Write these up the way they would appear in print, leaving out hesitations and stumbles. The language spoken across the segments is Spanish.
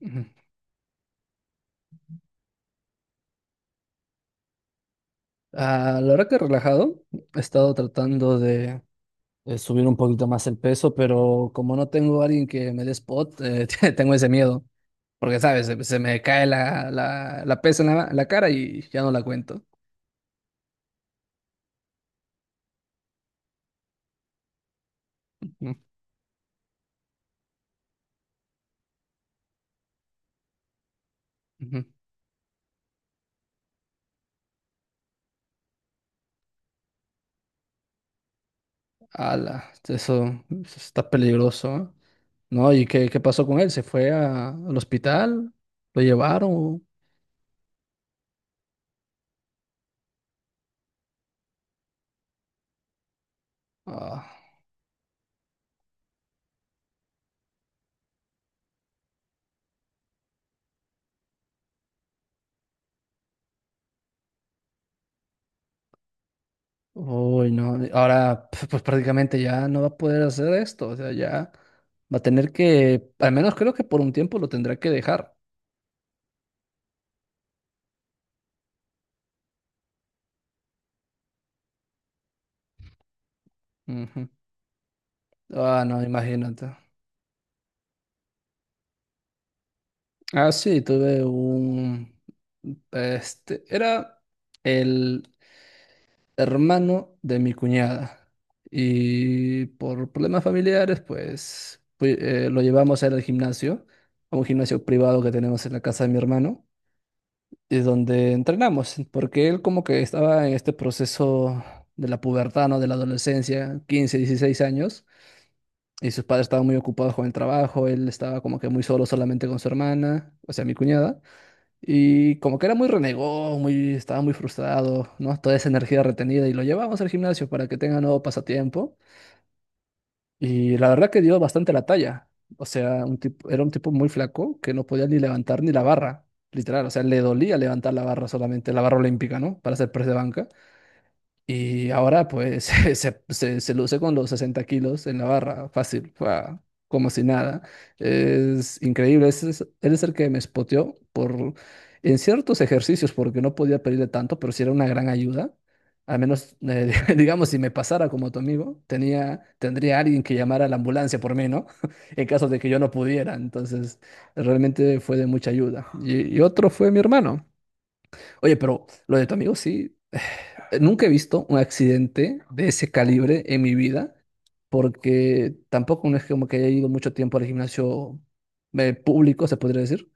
Ujú. A la hora que he relajado, he estado tratando de subir un poquito más el peso, pero como no tengo a alguien que me dé spot, tengo ese miedo. Porque, ¿sabes? Se me cae la pesa en la cara y ya no la cuento. Ujú, ujú. Ala, eso está peligroso, ¿eh? ¿No? ¿Y qué pasó con él? ¿Se fue al hospital? ¿Lo llevaron? Ah. Uy, no, ahora pues prácticamente ya no va a poder hacer esto, o sea, ya va a tener que, al menos creo que por un tiempo lo tendrá que dejar. Ujú. Ah, no, imagínate. Ah, sí, tuve un, era el hermano de mi cuñada y por problemas familiares, pues lo llevamos a ir al gimnasio, a un gimnasio privado que tenemos en la casa de mi hermano. Y donde entrenamos, porque él como que estaba en este proceso de la pubertad, ¿no? De la adolescencia, 15, 16 años, y sus padres estaban muy ocupados con el trabajo, él estaba como que muy solo solamente con su hermana, o sea, mi cuñada, y como que era muy renegón, estaba muy frustrado, ¿no? Toda esa energía retenida, y lo llevamos al gimnasio para que tenga nuevo pasatiempo. Y la verdad que dio bastante la talla. O sea, era un tipo muy flaco que no podía ni levantar ni la barra, literal. O sea, le dolía levantar la barra solamente, la barra olímpica, ¿no? Para hacer press de banca. Y ahora pues se luce con los 60 kilos en la barra, fácil, fua, como si nada. Es increíble, él es el que me spoteó en ciertos ejercicios, porque no podía pedirle tanto, pero sí era una gran ayuda. Al menos, digamos, si me pasara como tu amigo, tendría alguien que llamara a la ambulancia por mí, ¿no? En caso de que yo no pudiera. Entonces, realmente fue de mucha ayuda. Y otro fue mi hermano. Oye, pero lo de tu amigo sí. Nunca he visto un accidente de ese calibre en mi vida, porque tampoco no es como que haya ido mucho tiempo al gimnasio público, se podría decir,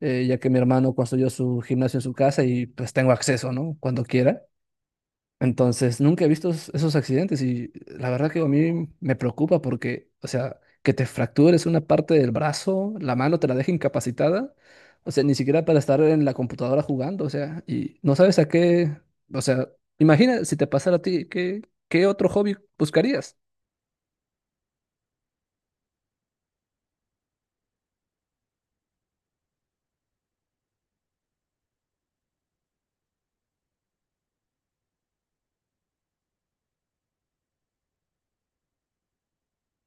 ya que mi hermano construyó su gimnasio en su casa y pues tengo acceso, ¿no? Cuando quiera. Entonces, nunca he visto esos accidentes y la verdad que a mí me preocupa porque, o sea, que te fractures una parte del brazo, la mano te la deja incapacitada, o sea, ni siquiera para estar en la computadora jugando, o sea, y no sabes a qué, o sea, imagina si te pasara a ti, ¿qué otro hobby buscarías?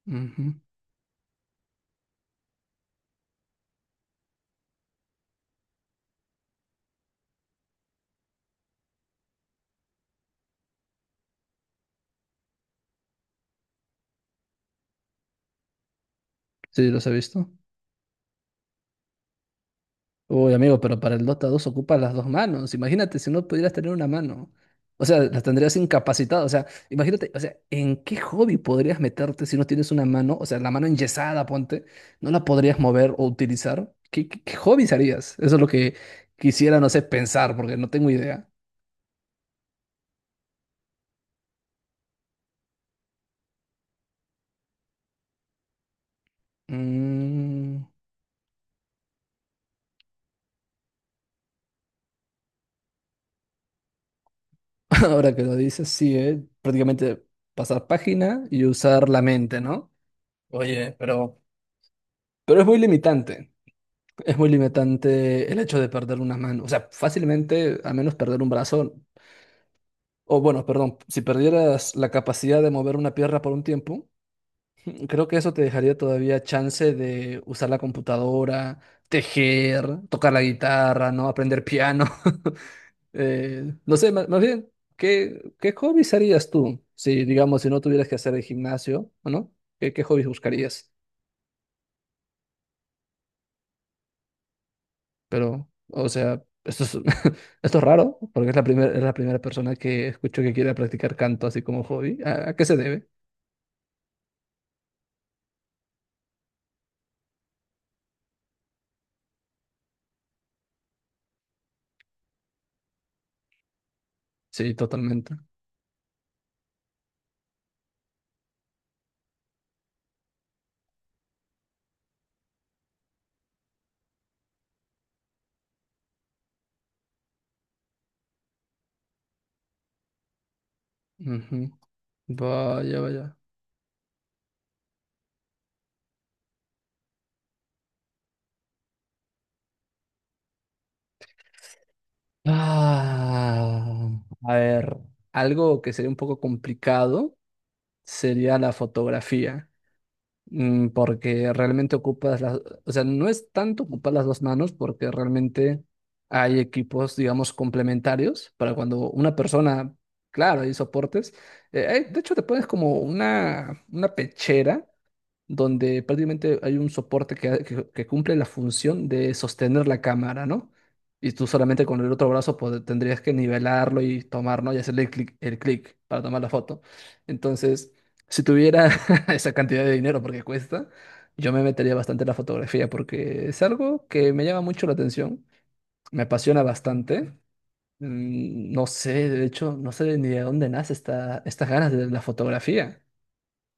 Ujú, sí, los he visto. Uy, amigo, pero para el Dota 2 ocupas las dos manos. Imagínate si no pudieras tener una mano. O sea, las tendrías incapacitadas. O sea, imagínate, o sea, ¿en qué hobby podrías meterte si no tienes una mano? O sea, la mano enyesada, ponte, no la podrías mover o utilizar. ¿Qué hobbies harías? Eso es lo que quisiera, no sé, pensar, porque no tengo idea. Mm, ahora que lo dices, sí, ¿eh? Prácticamente pasar página y usar la mente, ¿no? Oye, pero es muy limitante. Es muy limitante el hecho de perder una mano. O sea, fácilmente, a menos perder un brazo, o bueno, perdón, si perdieras la capacidad de mover una pierna por un tiempo, creo que eso te dejaría todavía chance de usar la computadora, tejer, tocar la guitarra, ¿no? Aprender piano. No sé, más bien, ¿qué hobbies harías tú? Si, digamos, si no tuvieras que hacer el gimnasio, ¿o no? ¿Qué hobbies buscarías? Pero, o sea, esto es raro, porque es la primera persona que escucho que quiere practicar canto así como hobby. ¿A qué se debe? Sí, totalmente. Ujú. Vaya, vaya. Ah, a ver, algo que sería un poco complicado sería la fotografía, porque realmente ocupas las, o sea, no es tanto ocupar las dos manos porque realmente hay equipos, digamos, complementarios para cuando una persona, claro, hay soportes. De hecho, te pones como una pechera donde prácticamente hay un soporte que cumple la función de sostener la cámara, ¿no? Y tú solamente con el otro brazo tendrías que nivelarlo y tomar, ¿no? Y hacerle el clic para tomar la foto. Entonces, si tuviera esa cantidad de dinero, porque cuesta, yo me metería bastante en la fotografía, porque es algo que me llama mucho la atención, me apasiona bastante. No sé, de hecho, no sé ni de dónde nace estas ganas de la fotografía,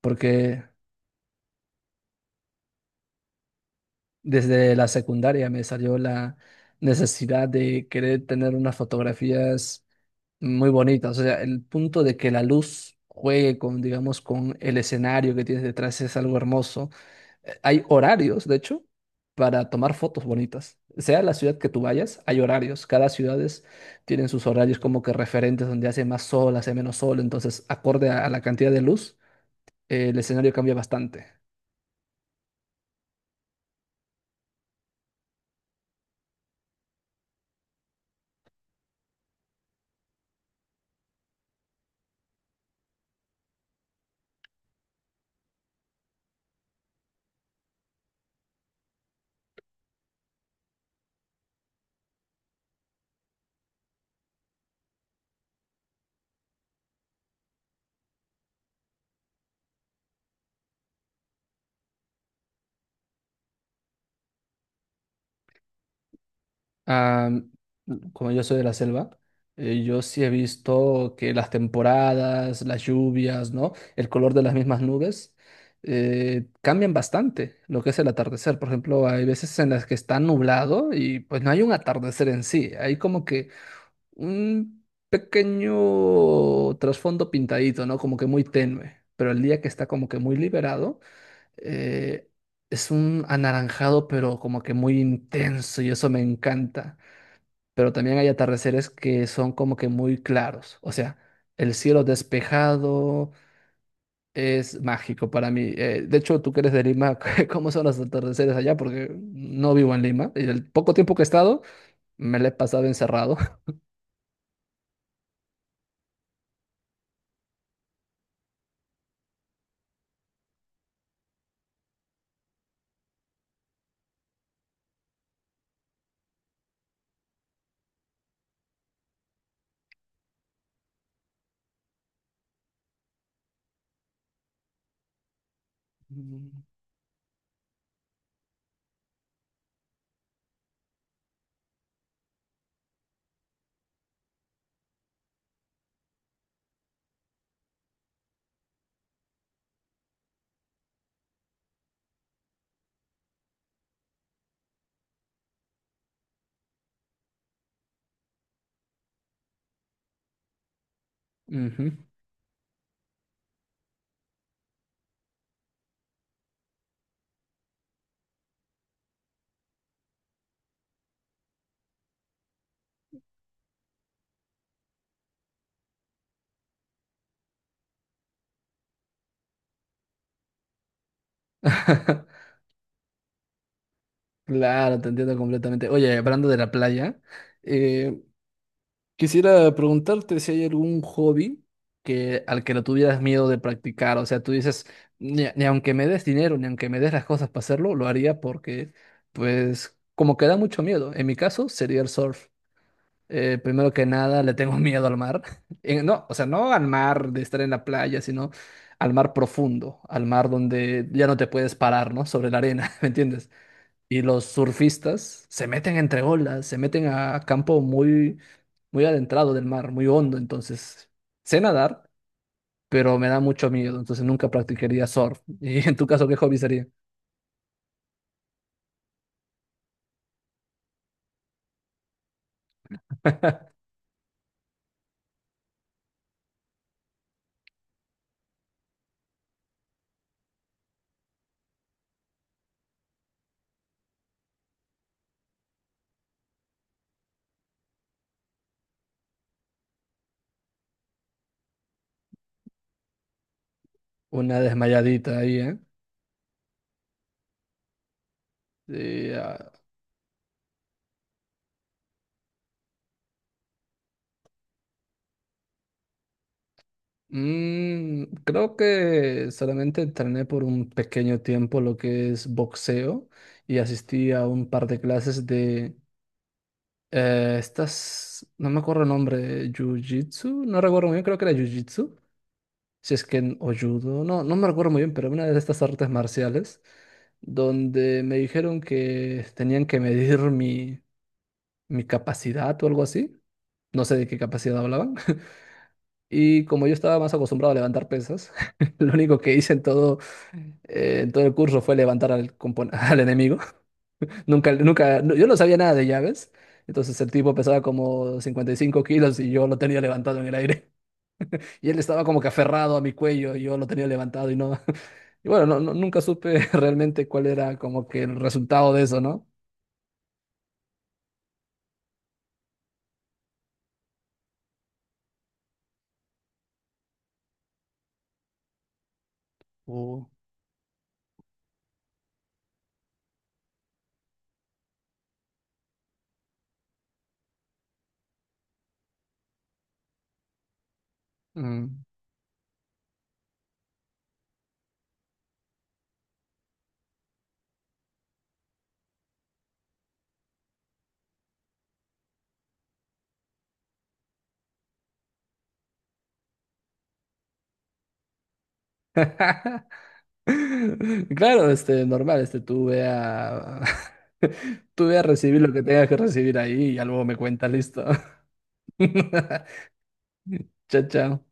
porque desde la secundaria me salió la necesidad de querer tener unas fotografías muy bonitas. O sea, el punto de que la luz juegue con, digamos, con el escenario que tienes detrás es algo hermoso. Hay horarios, de hecho, para tomar fotos bonitas. Sea la ciudad que tú vayas, hay horarios. Cada ciudades tienen sus horarios como que referentes donde hace más sol, hace menos sol. Entonces, acorde a la cantidad de luz, el escenario cambia bastante. Ah, como yo soy de la selva, yo sí he visto que las temporadas, las lluvias, ¿no? El color de las mismas nubes cambian bastante lo que es el atardecer. Por ejemplo, hay veces en las que está nublado y pues no hay un atardecer en sí. Hay como que un pequeño trasfondo pintadito, ¿no? Como que muy tenue. Pero el día que está como que muy liberado, eh, es un anaranjado, pero como que muy intenso y eso me encanta, pero también hay atardeceres que son como que muy claros. O sea, el cielo despejado es mágico para mí. De hecho, tú que eres de Lima, ¿cómo son los atardeceres allá? Porque no vivo en Lima y el poco tiempo que he estado me lo he pasado encerrado. Mm. Ujú. Claro, te entiendo completamente. Oye, hablando de la playa, eh, Quisiera preguntarte si hay algún hobby que, al que no tuvieras miedo de practicar. O sea, tú dices, ni aunque me des dinero, ni aunque me des las cosas para hacerlo, lo haría porque, pues, como que da mucho miedo. En mi caso, sería el surf. Primero que nada, le tengo miedo al mar. No, o sea, no al mar de estar en la playa, sino al mar profundo, al mar donde ya no te puedes parar, ¿no? Sobre la arena, ¿me entiendes? Y los surfistas se meten entre olas, se meten a campo muy muy adentrado del mar, muy hondo, entonces sé nadar, pero me da mucho miedo, entonces nunca practicaría surf. ¿Y en tu caso qué hobby sería? Una desmayadita ahí, ¿eh? Y, creo que solamente entrené por un pequeño tiempo lo que es boxeo y asistí a un par de clases de estas, no me acuerdo el nombre, jiu-jitsu, no recuerdo muy bien, creo que era jiu-jitsu si es que en o judo, no, no me recuerdo muy bien, pero una de estas artes marciales, donde me dijeron que tenían que medir mi, mi capacidad o algo así. No sé de qué capacidad hablaban. Y como yo estaba más acostumbrado a levantar pesas, lo único que hice en todo el curso fue levantar al enemigo. Nunca, yo no sabía nada de llaves. Entonces el tipo pesaba como 55 kilos y yo lo tenía levantado en el aire. Y él estaba como que aferrado a mi cuello y yo lo tenía levantado y no. Y bueno, no, nunca supe realmente cuál era como que el resultado de eso, ¿no? Uh, mm. Claro, normal, tú ve a recibir lo que tengas que recibir ahí y ya luego me cuentas, listo. Chao, chao.